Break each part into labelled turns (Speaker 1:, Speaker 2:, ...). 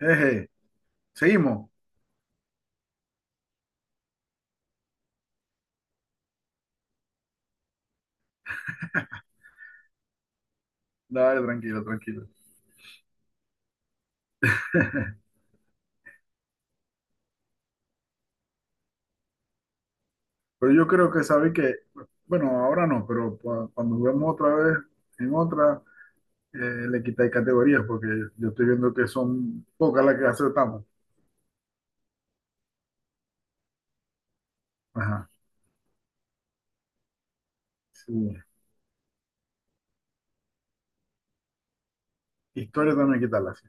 Speaker 1: Eje, seguimos. Dale, tranquilo, tranquilo. Pero yo creo que sabéis que, bueno, ahora no, pero cuando juguemos otra vez en otra, le quitáis categorías, porque yo estoy viendo que son pocas las que acertamos. Ajá, sí. Historia también quitarla, sí.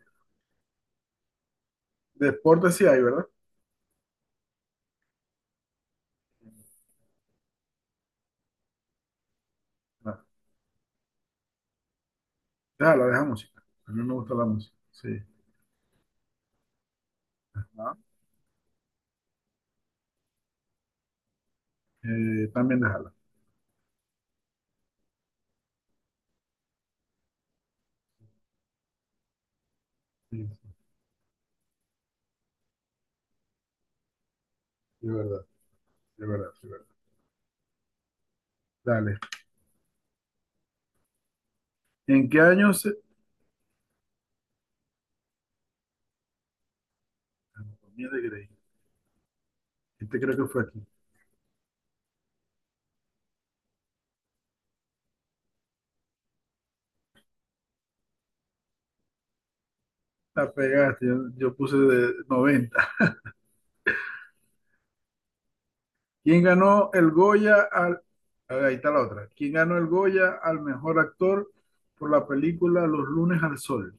Speaker 1: Deporte sí hay, ¿verdad? No, déjala, deja música. A mí me gusta la música, sí. Ajá. También déjala. Sí, sí, de verdad, de verdad, de verdad. Dale. ¿En qué año se...? Anatomía de Grey. Este creo que fue aquí. La pegaste, yo puse de 90. ¿Quién ganó el Goya al... A ver, ahí está la otra. ¿Quién ganó el Goya al mejor actor por la película Los lunes al sol?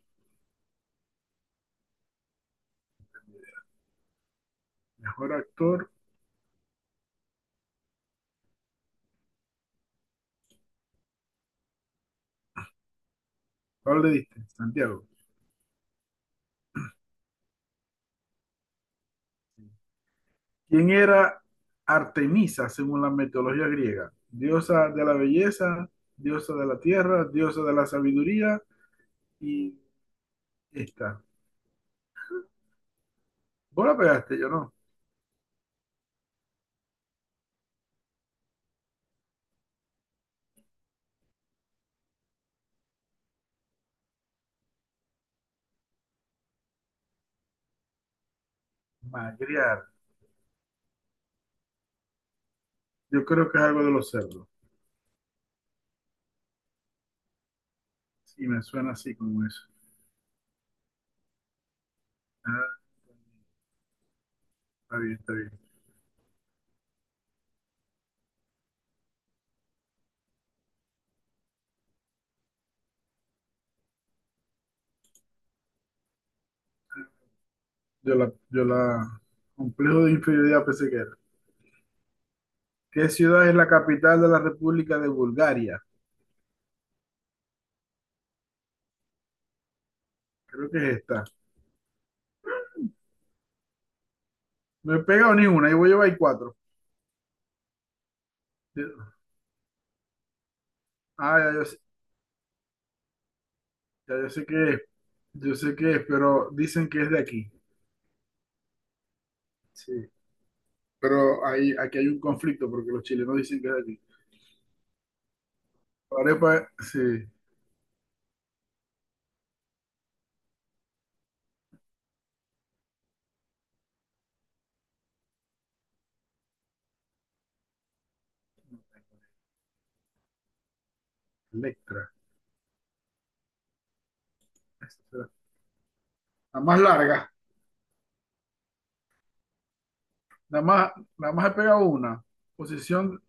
Speaker 1: Mejor actor, ¿cuál le diste? Santiago. ¿Quién era Artemisa según la mitología griega? Diosa de la belleza, diosa de la tierra, diosa de la sabiduría y esta. Vos la pegaste, yo no. Magriar. Yo creo que es algo de los cerdos. Sí, me suena así como eso. Ah, está bien, está bien. Yo la, yo la, Complejo de inferioridad pensé que era. ¿Qué ciudad es la capital de la República de Bulgaria? Creo que es esta. No he pegado ni una, ahí voy a llevar cuatro. Ah, ya yo sé qué es, yo sé qué es, pero dicen que es de aquí. Sí. Pero aquí hay un conflicto porque los chilenos dicen que es de aquí. Arepa, sí. Electra. Esta. La más larga, la más, la más, he pegado una. Posición,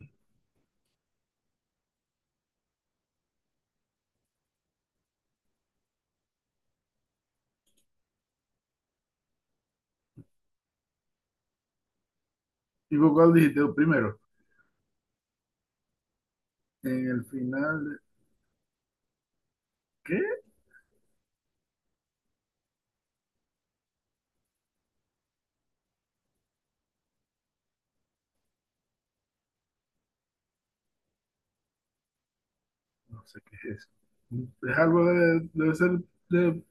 Speaker 1: ¿y vos cuál dijiste primero? En el final, ¿qué? No sé qué es eso. Es algo de, debe ser de,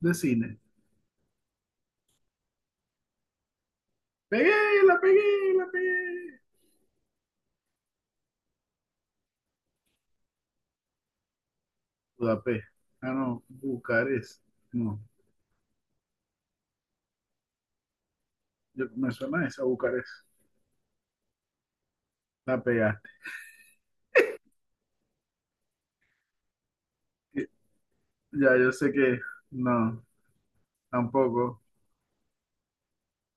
Speaker 1: de cine. Pegué, la pegué, la pegué. Budapest. Ah, no, Bucarest. No, me suena esa Bucarest. La pegaste. Y- Ya, yo sé que no, tampoco.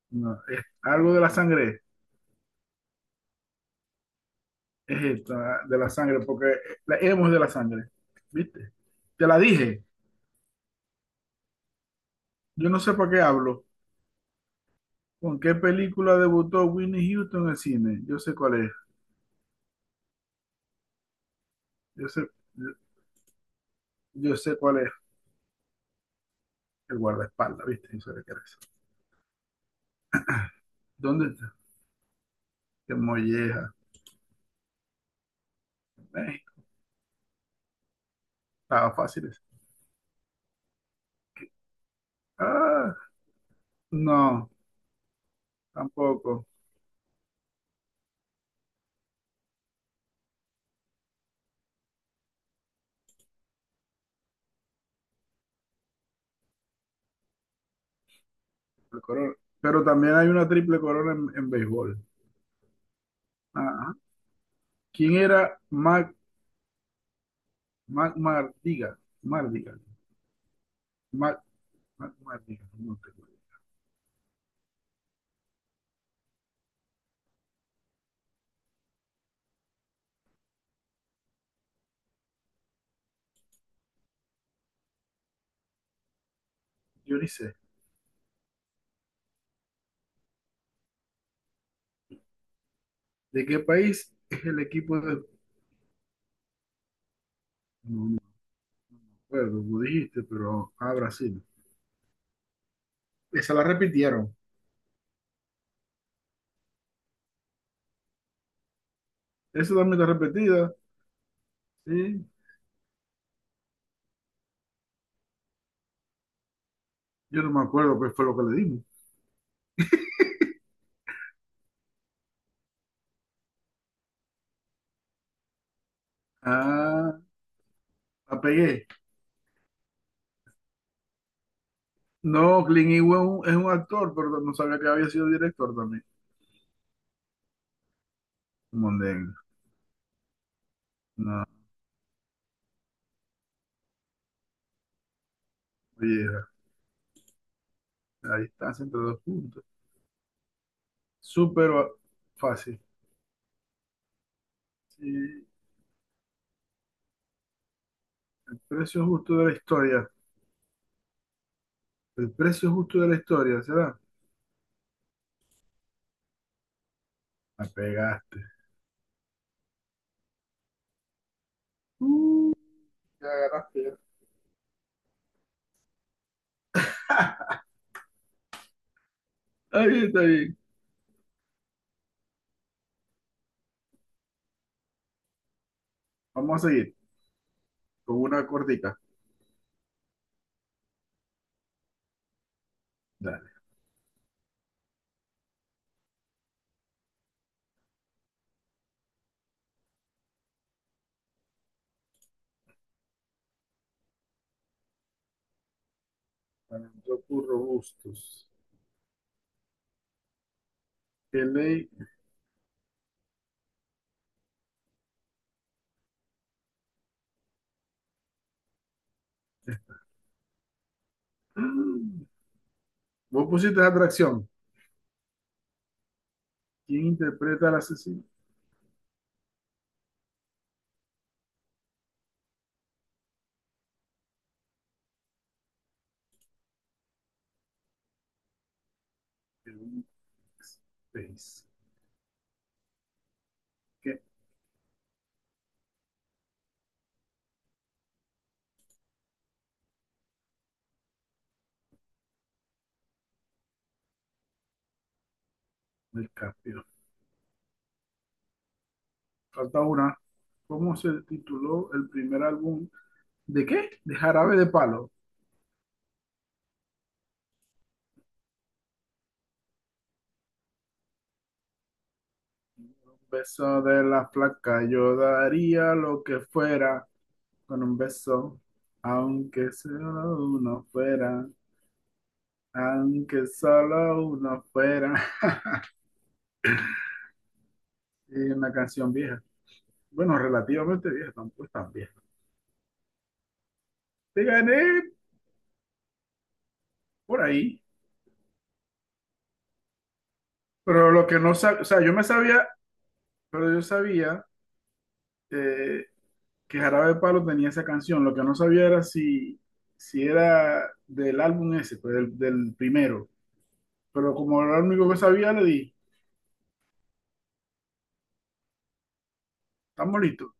Speaker 1: No, es algo de la sangre. Es esto, ah, de la sangre, porque la hemos de la sangre. ¿Viste? Te la dije. Yo no sé para qué hablo. ¿Con qué película debutó Winnie Houston en el cine? Yo sé cuál es. Yo sé. Yo sé cuál es el guardaespaldas, ¿viste? Yo sé de qué es. ¿Dónde está? Qué molleja. Eh, estaba fácil ese. Ah, no, tampoco. El corona. Pero también hay una triple corona en béisbol. Ajá. ¿Quién era Mac Mardigan? Mardigan. Mac, Mac Mardigan. No tengo idea. Yo ni sé. ¿De qué país es el equipo de... No me acuerdo, tú dijiste, pero... Ah, Brasil. Esa la repitieron. Esa también está repetida. Sí. Yo no me acuerdo qué fue lo que le dimos. Ah, la pegué. No, Clint Eastwood es un actor, pero no sabía que había sido director también. Mondego. No, oye, la distancia entre dos puntos. Súper va- Fácil. Sí, el precio justo de la historia. El precio justo de la historia, ¿será? La pegaste. Uh, ya agarraste. Ya. Está bien, está bien. Vamos a seguir con una cortita. Dale. Para Antrocus robustos. ¿Qué ley? Mm. Vos pusiste atracción. ¿Quién interpreta al asesino? Space. ¿Qué? El cambio. Falta una. ¿Cómo se tituló el primer álbum? ¿De qué? De Jarabe de Palo. Beso de la placa, yo daría lo que fuera con un beso, aunque solo uno fuera, aunque solo uno fuera. Es una canción vieja. Bueno, relativamente vieja, tampoco es tan vieja. Te gané por ahí, pero lo que no sabía, o sea, yo me sabía, pero yo sabía eh, que Jarabe de Palo tenía esa canción. Lo que no sabía era si era del álbum ese, pues del primero. Pero como era lo único que sabía, le di, estamos listos.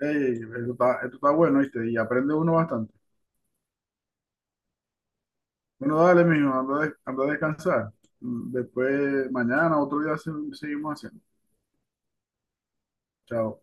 Speaker 1: Ey, esto está bueno, ¿viste? Y aprende uno bastante. Bueno, dale, mijo, anda, anda a descansar. Mm, después, mañana, otro día, seguimos haciendo. Chao.